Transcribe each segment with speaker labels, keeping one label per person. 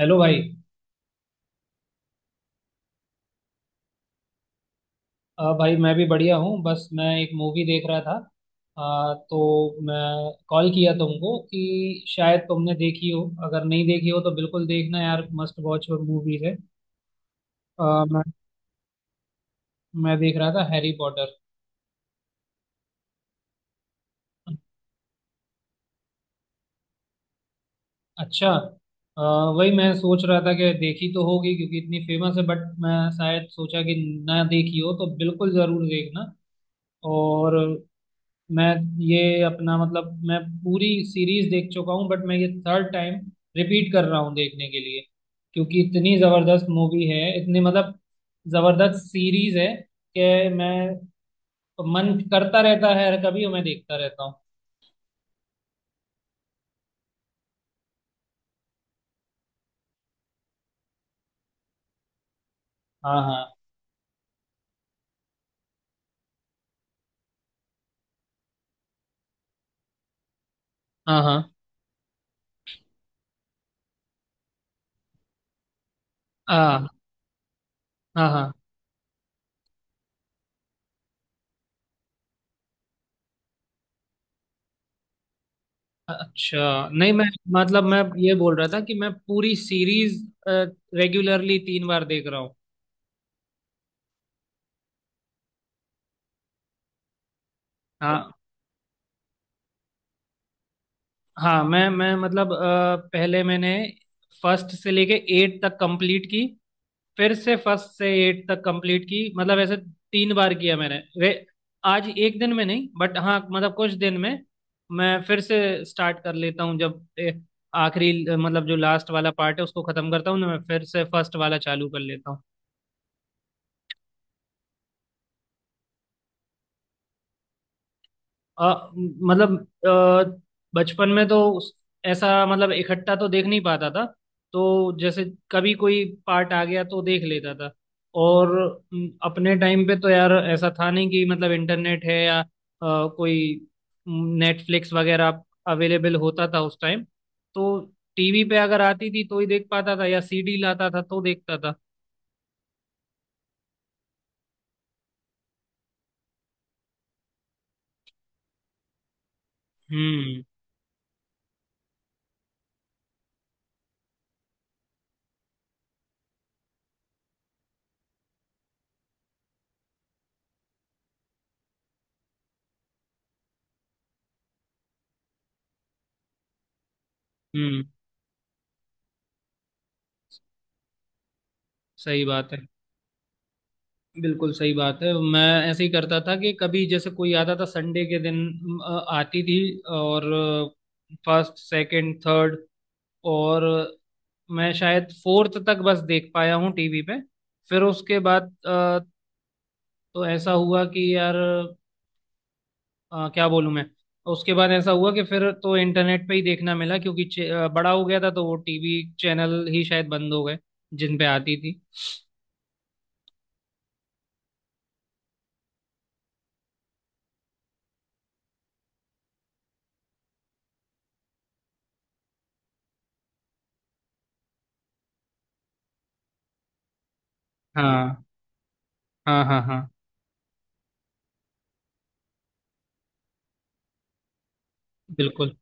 Speaker 1: Hello भाई। भाई मैं भी बढ़िया हूँ। बस मैं एक मूवी देख रहा था। तो मैं कॉल किया तुमको कि शायद तुमने देखी हो, अगर नहीं देखी हो तो बिल्कुल देखना यार, मस्ट वॉच मूवीज है। अ, मैं मैं देख रहा था हैरी पॉटर। अच्छा। अ, वही मैं सोच रहा था कि देखी तो होगी क्योंकि इतनी फेमस है, बट मैं शायद सोचा कि ना देखी हो तो बिल्कुल ज़रूर देखना। और मैं ये अपना मतलब मैं पूरी सीरीज देख चुका हूँ, बट मैं ये थर्ड टाइम रिपीट कर रहा हूँ देखने के लिए, क्योंकि इतनी जबरदस्त मूवी है, इतनी मतलब जबरदस्त सीरीज है कि मैं मन करता रहता है और कभी मैं देखता रहता हूँ। हाँ, हाँ, हाँ, हाँ, हाँ, हाँ, हाँ। अच्छा नहीं मैं। मतलब मैं ये बोल रहा था कि मैं पूरी सीरीज रेगुलरली तीन बार देख रहा हूँ। हाँ, हाँ। मैं मतलब पहले मैंने फर्स्ट से लेके एट तक कंप्लीट की, फिर से फर्स्ट से एट तक कंप्लीट की, मतलब ऐसे तीन बार किया मैंने। रे, आज एक दिन में नहीं, बट हाँ मतलब कुछ दिन में मैं फिर से स्टार्ट कर लेता हूँ। जब आखिरी मतलब जो लास्ट वाला पार्ट है उसको खत्म करता हूँ ना, मैं फिर से फर्स्ट वाला चालू कर लेता हूँ। मतलब अ, बचपन में तो ऐसा मतलब इकट्ठा तो देख नहीं पाता था। तो जैसे कभी कोई पार्ट आ गया तो देख लेता था। और अपने टाइम पे तो यार ऐसा था नहीं कि मतलब इंटरनेट है या कोई नेटफ्लिक्स वगैरह अवेलेबल होता था उस टाइम। तो टीवी पे अगर आती थी तो ही देख पाता था, या सीडी लाता था तो देखता था। हम्म, हम्म। सही बात है। बिल्कुल सही बात है। मैं ऐसे ही करता था कि कभी जैसे कोई आता था संडे के दिन आती थी। और फर्स्ट, सेकंड, थर्ड और मैं शायद फोर्थ तक बस देख पाया हूँ टीवी पे। फिर उसके बाद तो ऐसा हुआ कि यार क्या बोलूँ मैं। उसके बाद ऐसा हुआ कि फिर तो इंटरनेट पे ही देखना मिला क्योंकि बड़ा हो गया था तो वो टीवी चैनल ही शायद बंद हो गए जिन पे आती थी। हाँ, हाँ, हाँ, हाँ। बिल्कुल।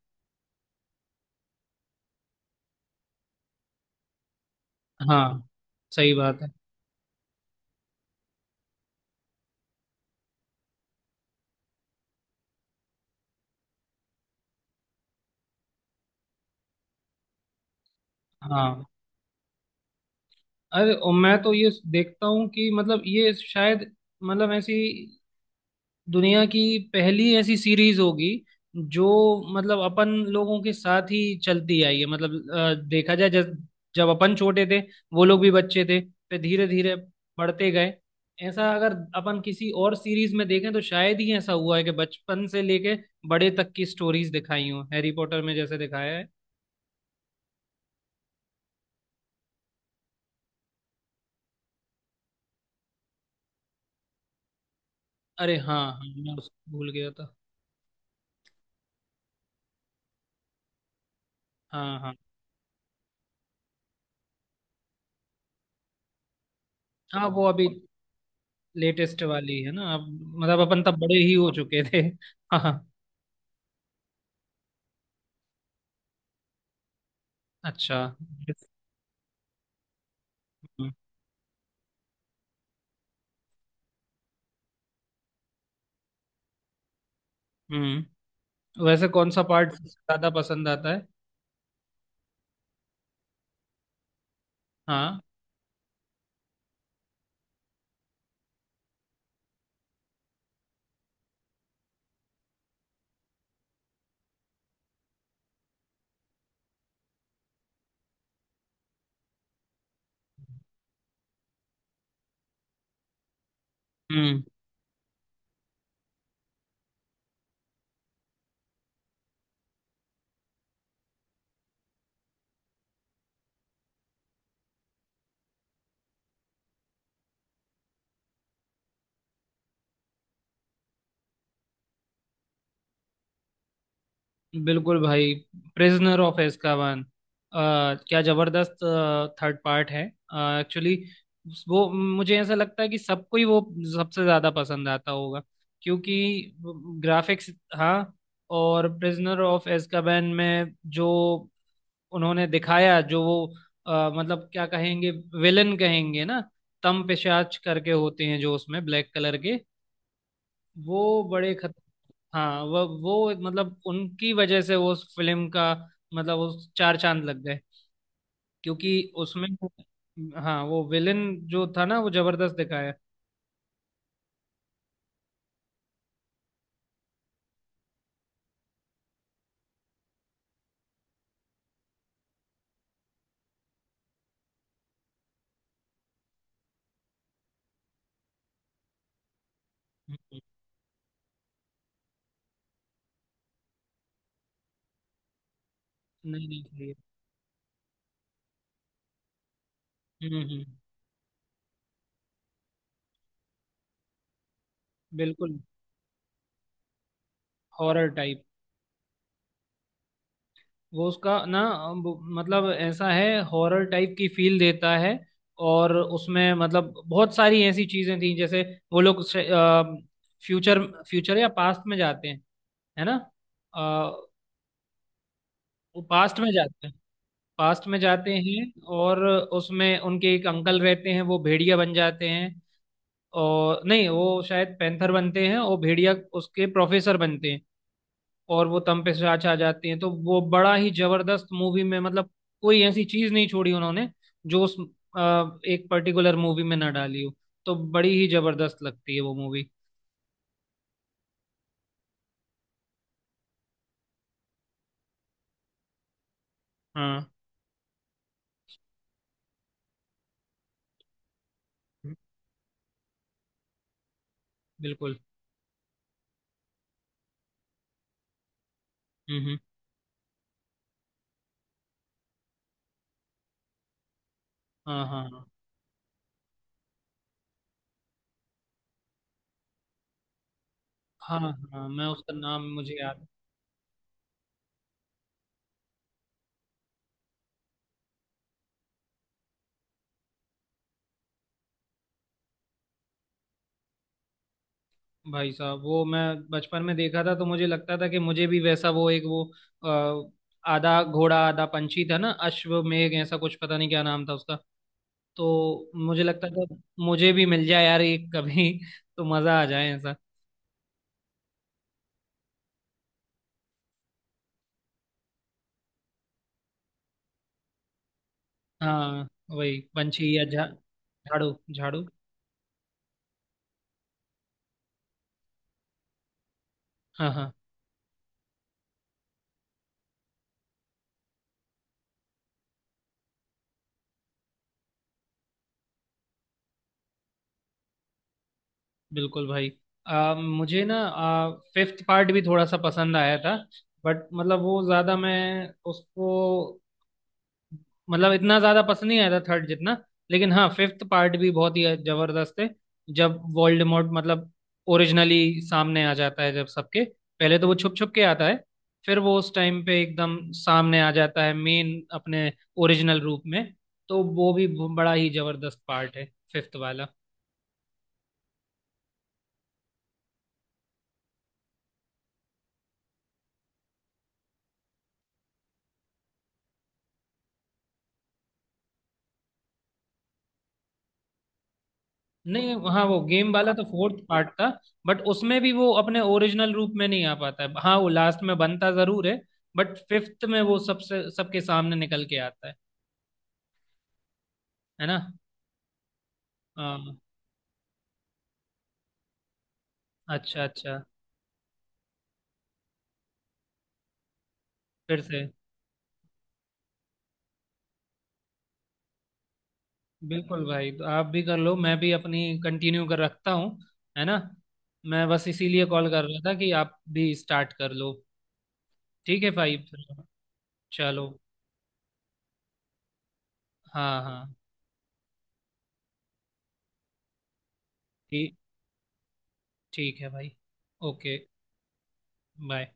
Speaker 1: हाँ, सही बात है। हाँ। अरे और मैं तो ये देखता हूँ कि मतलब ये शायद मतलब ऐसी दुनिया की पहली ऐसी सीरीज होगी जो मतलब अपन लोगों के साथ ही चलती आई है। मतलब देखा जाए, जब जब अपन छोटे थे वो लोग भी बच्चे थे, फिर धीरे धीरे बढ़ते गए। ऐसा अगर अपन किसी और सीरीज में देखें तो शायद ही ऐसा हुआ है कि बचपन से लेके बड़े तक की स्टोरीज दिखाई हो हैरी पॉटर में जैसे दिखाया है। अरे हाँ, हाँ, मैं उस भूल गया था। हाँ, हाँ, हाँ। वो अभी लेटेस्ट वाली है ना अब। मतलब अपन तब बड़े ही हो चुके थे। हाँ। अच्छा। हम्म। वैसे कौन सा पार्ट ज्यादा पसंद आता है? हाँ। हम्म। बिल्कुल भाई। प्रिजनर ऑफ एस्काबान, क्या जबरदस्त थर्ड पार्ट है एक्चुअली। वो मुझे ऐसा लगता है कि सबको ही वो सबसे ज्यादा पसंद आता होगा, क्योंकि ग्राफिक्स। हाँ। और प्रिजनर ऑफ एस्काबान में जो उन्होंने दिखाया जो वो, मतलब क्या कहेंगे, विलन कहेंगे ना, तम पिशाच करके होते हैं जो उसमें ब्लैक कलर के, वो बड़े खत। हाँ, वो मतलब उनकी वजह से वो उस फिल्म का मतलब उस चार चांद लग गए, क्योंकि उसमें। हाँ, वो विलन जो था ना वो जबरदस्त दिखाया। हम्म, नहीं, नहीं, सही है। हम्म, हम्म। बिल्कुल, हॉरर टाइप। वो उसका ना मतलब ऐसा है हॉरर टाइप की फील देता है। और उसमें मतलब बहुत सारी ऐसी चीजें थी जैसे वो लोग फ्यूचर फ्यूचर या पास्ट में जाते हैं, है ना? अ, वो पास्ट में जाते हैं। पास्ट में जाते हैं और उसमें उनके एक अंकल रहते हैं, वो भेड़िया बन जाते हैं। और नहीं, वो शायद पैंथर बनते हैं और भेड़िया उसके प्रोफेसर बनते हैं। और वो तम पे साँच आ जाती है तो वो बड़ा ही जबरदस्त मूवी में मतलब कोई ऐसी चीज नहीं छोड़ी उन्होंने जो उस एक पर्टिकुलर मूवी में ना डाली हो। तो बड़ी ही जबरदस्त लगती है वो मूवी। हाँ। बिल्कुल। हम्म, हम्म। हाँ, हाँ, हाँ, हाँ, हाँ मैं उसका नाम मुझे याद। भाई साहब, वो मैं बचपन में देखा था तो मुझे लगता था कि मुझे भी वैसा वो एक वो अ, आधा घोड़ा आधा पंछी था ना, अश्वमेघ ऐसा कुछ, पता नहीं क्या नाम था उसका। तो मुझे लगता था मुझे भी मिल जाए यार एक कभी। तो मजा आ जाए ऐसा। हाँ, वही पंछी या झा झाड़ू, झाड़ू। हाँ, हाँ। बिल्कुल भाई। मुझे ना फिफ्थ पार्ट भी थोड़ा सा पसंद आया था, बट मतलब वो ज्यादा मैं उसको मतलब इतना ज्यादा पसंद नहीं आया था थर्ड जितना। लेकिन हाँ, फिफ्थ पार्ट भी बहुत ही जबरदस्त है। जब वोल्डेमॉर्ट मतलब ओरिजिनली सामने आ जाता है जब सबके, पहले तो वो छुप छुप के आता है, फिर वो उस टाइम पे एकदम सामने आ जाता है मेन अपने ओरिजिनल रूप में। तो वो भी बड़ा ही जबरदस्त पार्ट है फिफ्थ वाला। नहीं, हाँ, वो गेम वाला तो फोर्थ पार्ट था। बट उसमें भी वो अपने ओरिजिनल रूप में नहीं आ पाता है। हाँ, वो लास्ट में बनता जरूर है बट फिफ्थ में वो सबसे सबके सामने निकल के आता है ना? हाँ। अच्छा, अच्छा। फिर से। बिल्कुल भाई, तो आप भी कर लो, मैं भी अपनी कंटिन्यू कर रखता हूँ, है ना? मैं बस इसीलिए कॉल कर रहा था कि आप भी स्टार्ट कर लो। ठीक है भाई। फिर चलो। हाँ, हाँ। ठीक, ठीक है भाई। ओके। बाय।